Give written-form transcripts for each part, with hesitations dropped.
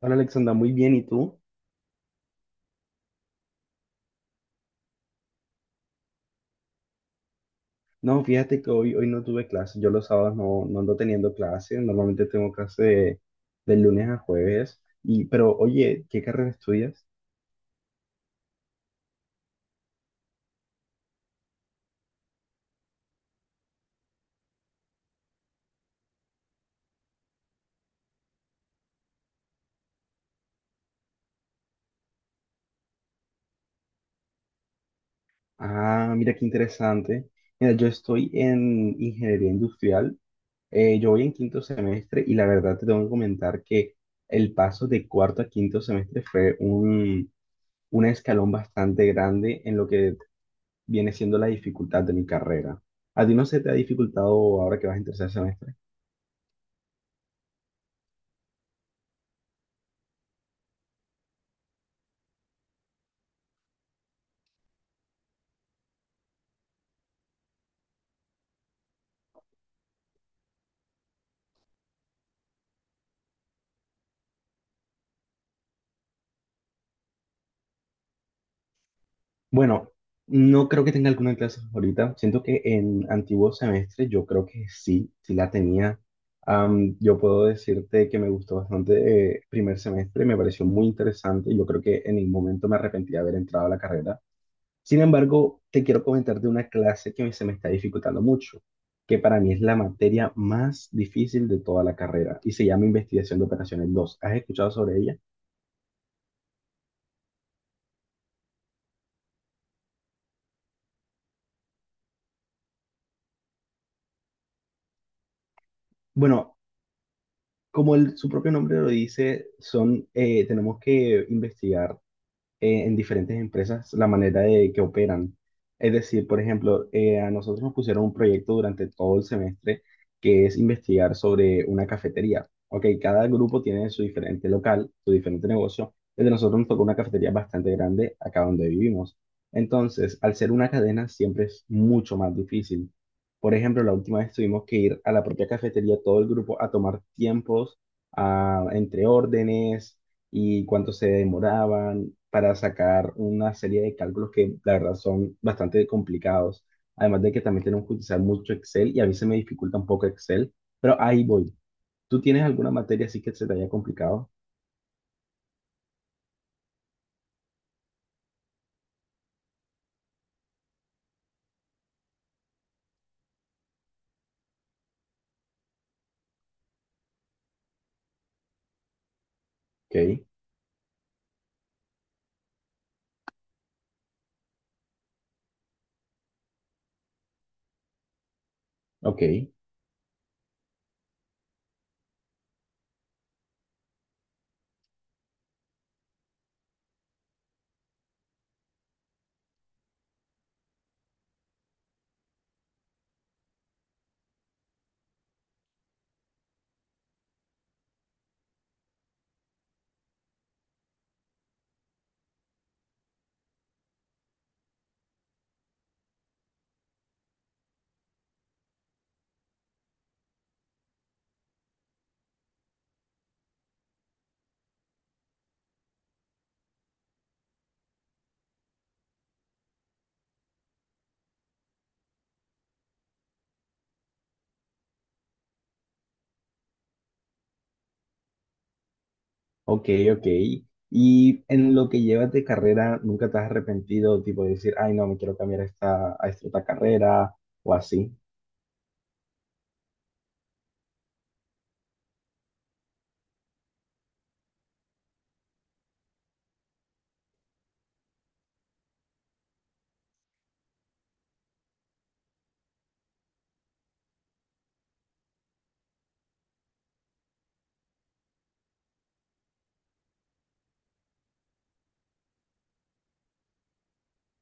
Hola Alexandra, muy bien, ¿y tú? No, fíjate que hoy no tuve clase, yo los sábados no, no ando teniendo clase, normalmente tengo clase de lunes a jueves, y, pero oye, ¿qué carrera estudias? Ah, mira qué interesante. Mira, yo estoy en ingeniería industrial, yo voy en quinto semestre y la verdad te tengo que comentar que el paso de cuarto a quinto semestre fue un escalón bastante grande en lo que viene siendo la dificultad de mi carrera. ¿A ti no se te ha dificultado ahora que vas en tercer semestre? Bueno, no creo que tenga alguna clase favorita. Siento que en antiguos semestres yo creo que sí, sí la tenía. Yo puedo decirte que me gustó bastante primer semestre, me pareció muy interesante. Yo creo que en ningún momento me arrepentí de haber entrado a la carrera. Sin embargo, te quiero comentar de una clase que se me está dificultando mucho, que para mí es la materia más difícil de toda la carrera y se llama Investigación de Operaciones 2. ¿Has escuchado sobre ella? Bueno, como su propio nombre lo dice, son, tenemos que investigar en diferentes empresas la manera de que operan. Es decir, por ejemplo, a nosotros nos pusieron un proyecto durante todo el semestre que es investigar sobre una cafetería. Ok, cada grupo tiene su diferente local, su diferente negocio. El de nosotros nos tocó una cafetería bastante grande acá donde vivimos. Entonces, al ser una cadena, siempre es mucho más difícil. Por ejemplo, la última vez tuvimos que ir a la propia cafetería, todo el grupo, a tomar tiempos, entre órdenes y cuánto se demoraban para sacar una serie de cálculos que la verdad son bastante complicados. Además de que también tenemos que utilizar mucho Excel y a mí se me dificulta un poco Excel, pero ahí voy. ¿Tú tienes alguna materia así que se te haya complicado? Ok, ok, ok, ok. Y en lo que llevas de carrera, ¿nunca te has arrepentido, tipo de decir, ay, no, me quiero cambiar a esta otra carrera o así?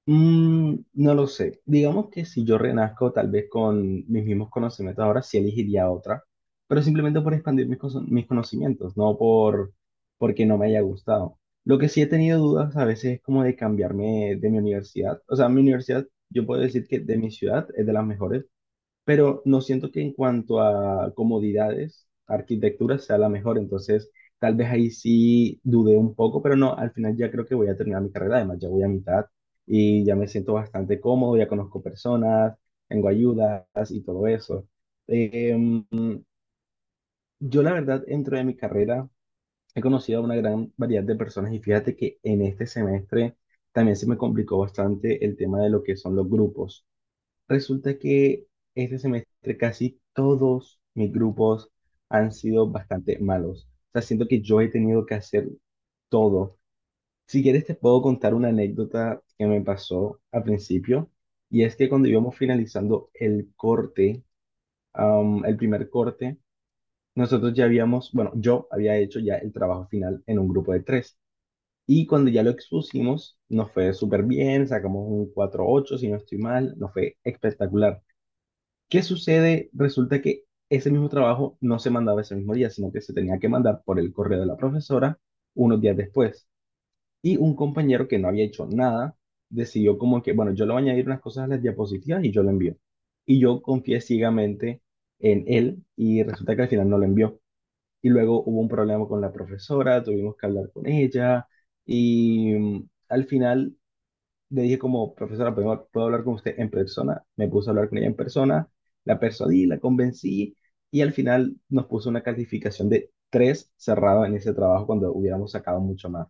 Mm, no lo sé. Digamos que si yo renazco tal vez con mis mismos conocimientos ahora, sí elegiría otra, pero simplemente por expandir mis conocimientos, no porque no me haya gustado. Lo que sí he tenido dudas a veces es como de cambiarme de mi universidad. O sea, mi universidad, yo puedo decir que de mi ciudad es de las mejores, pero no siento que en cuanto a comodidades, arquitectura sea la mejor, entonces tal vez ahí sí dudé un poco, pero no, al final ya creo que voy a terminar mi carrera, además ya voy a mitad y ya me siento bastante cómodo, ya conozco personas, tengo ayudas y todo eso. Em, yo la verdad, dentro de mi carrera, he conocido a una gran variedad de personas y fíjate que en este semestre también se me complicó bastante el tema de lo que son los grupos. Resulta que este semestre casi todos mis grupos han sido bastante malos. O sea, siento que yo he tenido que hacer todo. Si quieres te puedo contar una anécdota que me pasó al principio. Y es que cuando íbamos finalizando el corte, el primer corte, nosotros ya habíamos, bueno, yo había hecho ya el trabajo final en un grupo de tres. Y cuando ya lo expusimos, nos fue súper bien, sacamos un 4.8 si no estoy mal, nos fue espectacular. ¿Qué sucede? Resulta que ese mismo trabajo no se mandaba ese mismo día, sino que se tenía que mandar por el correo de la profesora unos días después. Y un compañero que no había hecho nada decidió como que, bueno, yo le voy a añadir unas cosas a las diapositivas y yo lo envío. Y yo confié ciegamente en él y resulta que al final no lo envió. Y luego hubo un problema con la profesora, tuvimos que hablar con ella y al final le dije como, profesora, ¿puedo hablar con usted en persona? Me puse a hablar con ella en persona, la persuadí, la convencí y al final nos puso una calificación de 3 cerrado en ese trabajo cuando hubiéramos sacado mucho más.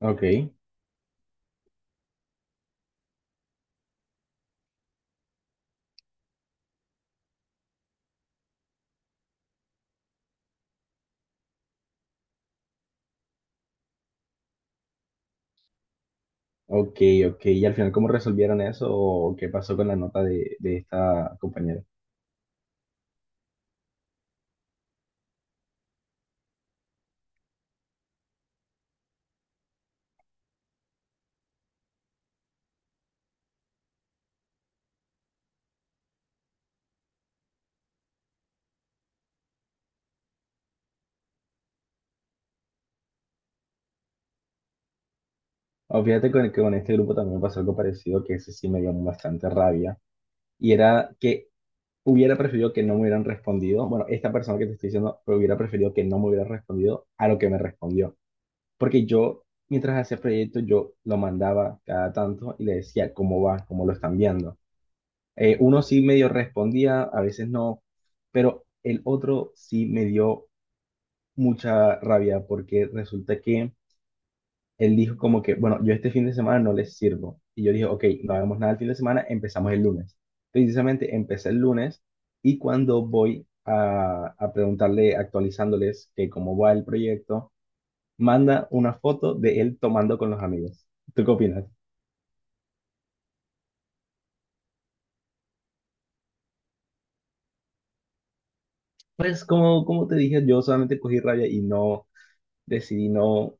Ok, ok, ok. ¿Y al final cómo resolvieron eso o qué pasó con la nota de esta compañera? Oh, fíjate que con este grupo también me pasó algo parecido que ese sí me dio bastante rabia y era que hubiera preferido que no me hubieran respondido, bueno, esta persona que te estoy diciendo, pero hubiera preferido que no me hubiera respondido a lo que me respondió, porque yo, mientras hacía proyectos, yo lo mandaba cada tanto y le decía cómo va, cómo lo están viendo. Uno sí medio respondía, a veces no, pero el otro sí me dio mucha rabia porque resulta que él dijo como que, bueno, yo este fin de semana no les sirvo. Y yo dije, ok, no hagamos nada el fin de semana, empezamos el lunes. Precisamente empecé el lunes y cuando voy a preguntarle, actualizándoles que cómo va el proyecto, manda una foto de él tomando con los amigos. ¿Tú qué opinas? Pues como, como te dije, yo solamente cogí rabia y no decidí no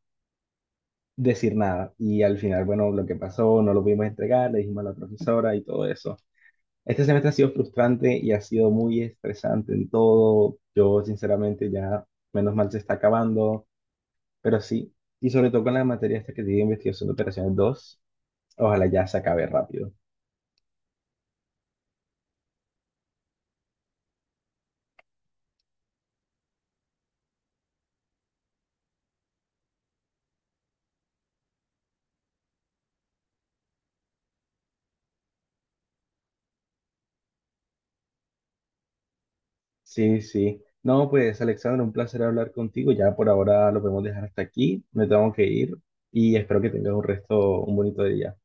decir nada. Y al final, bueno, lo que pasó, no lo pudimos entregar, le dijimos a la profesora y todo eso. Este semestre ha sido frustrante y ha sido muy estresante en todo. Yo, sinceramente, ya menos mal se está acabando, pero sí, y sobre todo con la materia esta que tiene investigación de operaciones 2. Ojalá ya se acabe rápido. Sí, sí. No, pues, Alexandra, un placer hablar contigo. Ya por ahora lo podemos dejar hasta aquí. Me tengo que ir y espero que tengas un resto, un bonito día.